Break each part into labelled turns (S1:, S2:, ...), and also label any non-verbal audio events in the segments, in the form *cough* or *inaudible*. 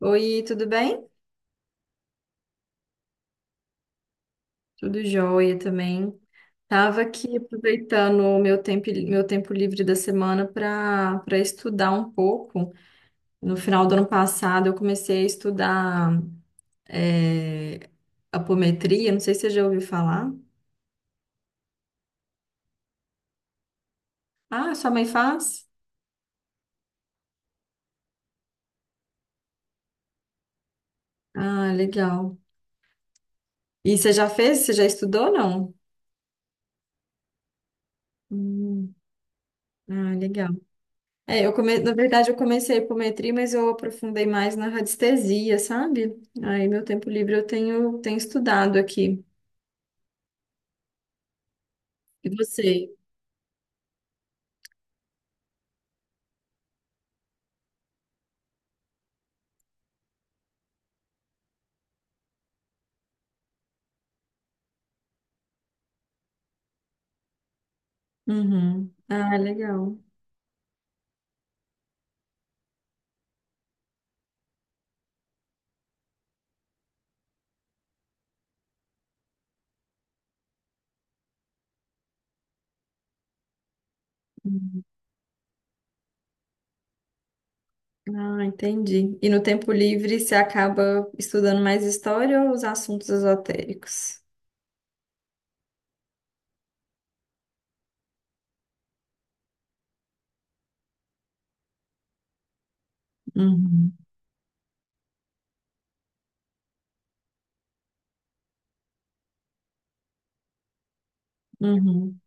S1: Oi, tudo bem? Tudo jóia também. Tava aqui aproveitando o meu tempo livre da semana para estudar um pouco. No final do ano passado, eu comecei a estudar é, apometria. Não sei se você já ouviu falar. Ah, sua mãe faz? Ah, legal. E você já fez? Você já estudou, não? Hum, ah, legal. Na verdade, eu comecei a hipometria, mas eu aprofundei mais na radiestesia, sabe? Aí, meu tempo livre eu tenho estudado aqui. E você? Uhum. Ah, legal. Uhum. Ah, entendi. E no tempo livre você acaba estudando mais história ou os assuntos esotéricos? Uhum. Uhum.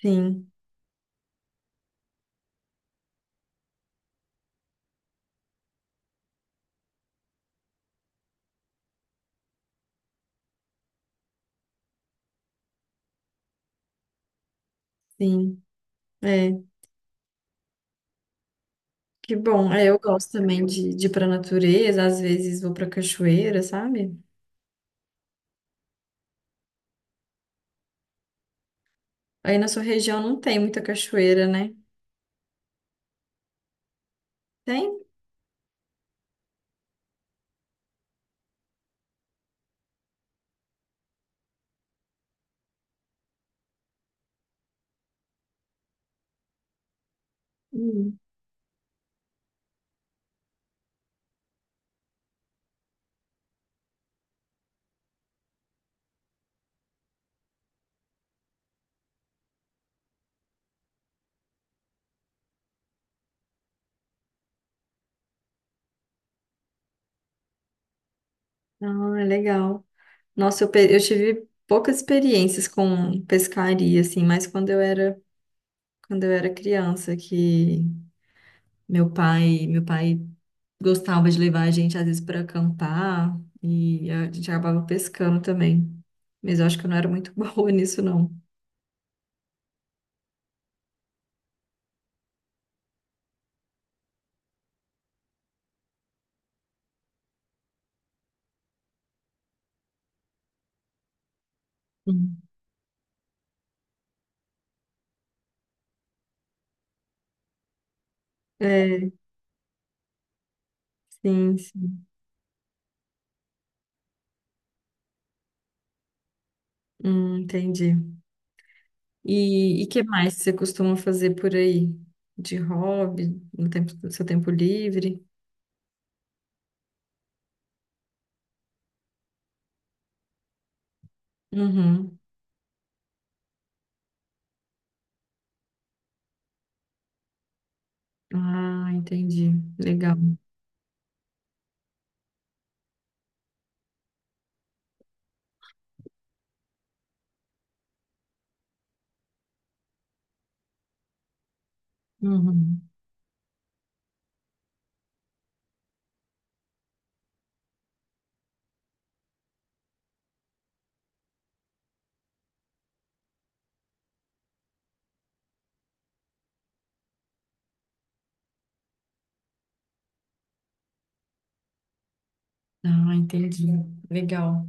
S1: Sim, sim. É, que bom. É, eu gosto também de ir para natureza, às vezes vou para cachoeira, sabe? Aí na sua região não tem muita cachoeira, né? Tem? Hum. Ah, é legal. Nossa, eu tive poucas experiências com pescaria, assim, mas quando eu era criança, que meu pai gostava de levar a gente às vezes para acampar e a gente acabava pescando também. Mas eu acho que eu não era muito *laughs* boa nisso, não. Hum. É, sim, sim. Entendi. E que mais você costuma fazer por aí? De hobby, no tempo, no seu tempo livre? Uhum. Ah, entendi. Legal. Uhum. Ah, entendi. Legal.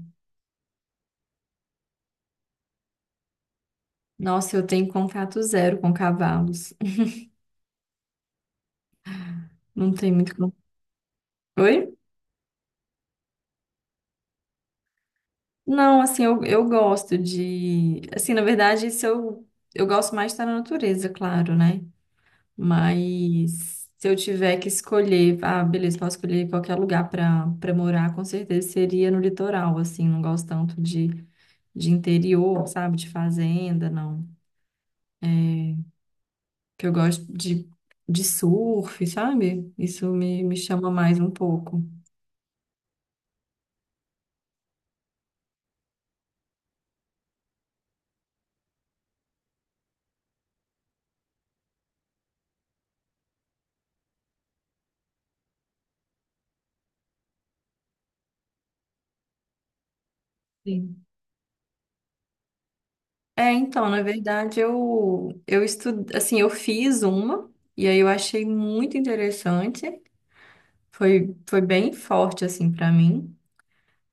S1: Nossa, eu tenho contato zero com cavalos. Não tem muito. Con- Oi? Não, assim, eu gosto de. Assim, na verdade, se eu, eu gosto mais de estar na natureza, claro, né? Mas se eu tiver que escolher, ah, beleza, posso escolher qualquer lugar para morar, com certeza seria no litoral, assim, não gosto tanto de interior, sabe? De fazenda, não. Que eu gosto de surf, sabe? Me chama mais um pouco. Sim. É, então, na verdade, assim, eu fiz uma, e aí eu achei muito interessante, foi bem forte, assim, para mim,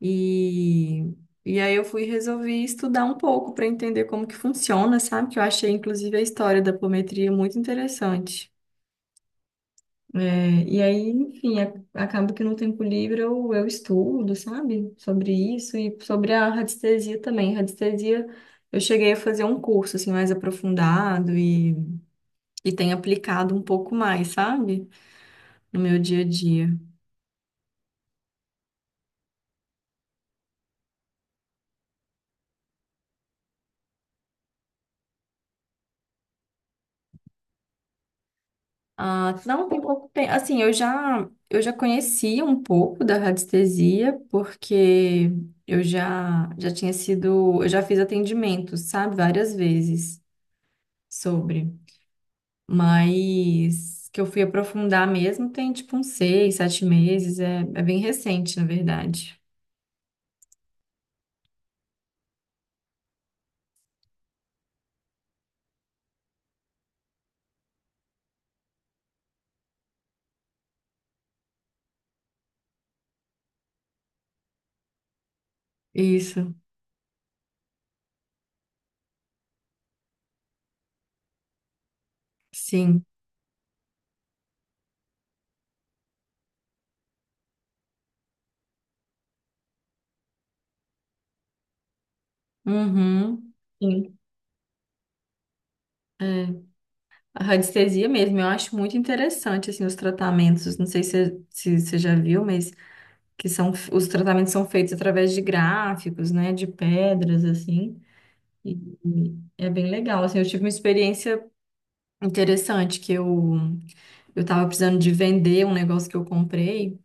S1: e, e aí eu fui, resolvi estudar um pouco para entender como que funciona, sabe? Que eu achei, inclusive, a história da apometria muito interessante. É, e aí, enfim, a- acaba que no tempo livre eu estudo, sabe? Sobre isso e sobre a radiestesia também. Radiestesia, eu cheguei a fazer um curso, assim, mais e tenho aplicado um pouco mais, sabe? No meu dia a dia. Ah, não, tem pouco tempo. Assim, eu já conhecia um pouco da radiestesia, porque já tinha sido, eu já fiz atendimento, sabe? Várias vezes sobre. Mas que eu fui aprofundar mesmo tem tipo uns 6, 7 meses. É, é bem recente, na verdade. Isso, sim. Uhum. Sim. É. A radiestesia mesmo, eu acho muito interessante assim os tratamentos. Não sei se você já viu, mas que são os tratamentos são feitos através de gráficos, né, de pedras assim. E, e é bem legal. Assim, eu tive uma experiência interessante que eu estava precisando de vender um negócio que eu comprei.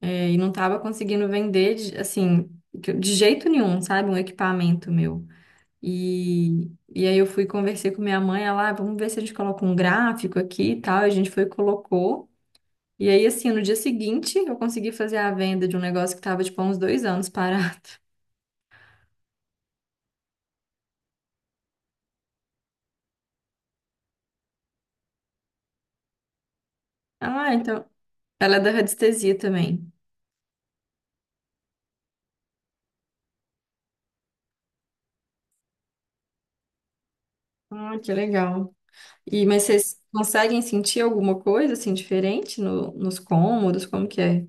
S1: É, e não estava conseguindo vender, de- assim, que- de jeito nenhum, sabe? Um equipamento meu. E, e aí eu fui conversei com minha mãe, ela, "Ah, vamos ver se a gente coloca um gráfico aqui e tal. E a gente foi e colocou. E aí, assim, no dia seguinte, eu consegui fazer a venda de um negócio que estava, tipo, há uns 2 anos parado. *laughs* Ah, então, ela é da radiestesia também. Ah, que legal. E, mas vocês conseguem sentir alguma coisa, assim, diferente no, nos cômodos? Como que é?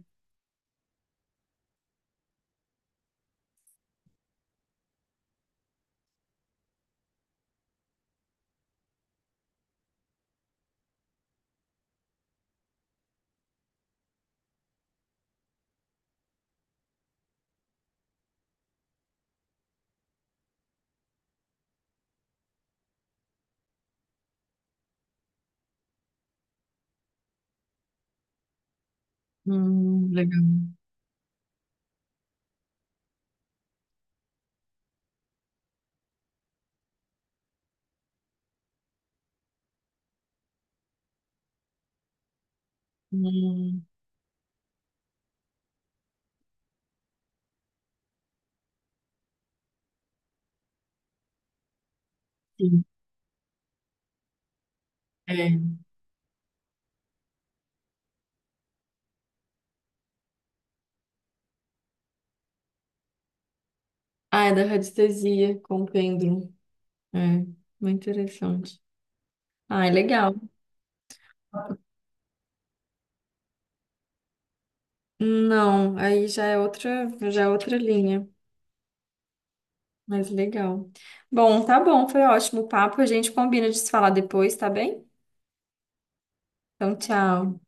S1: Legal. Hum, sim. Ah, é da radiestesia com pêndulo. É, muito interessante. Ah, é legal. Não, aí já é outra linha, mas legal. Bom, tá bom, foi ótimo o papo. A gente combina de se falar depois, tá bem? Então, tchau.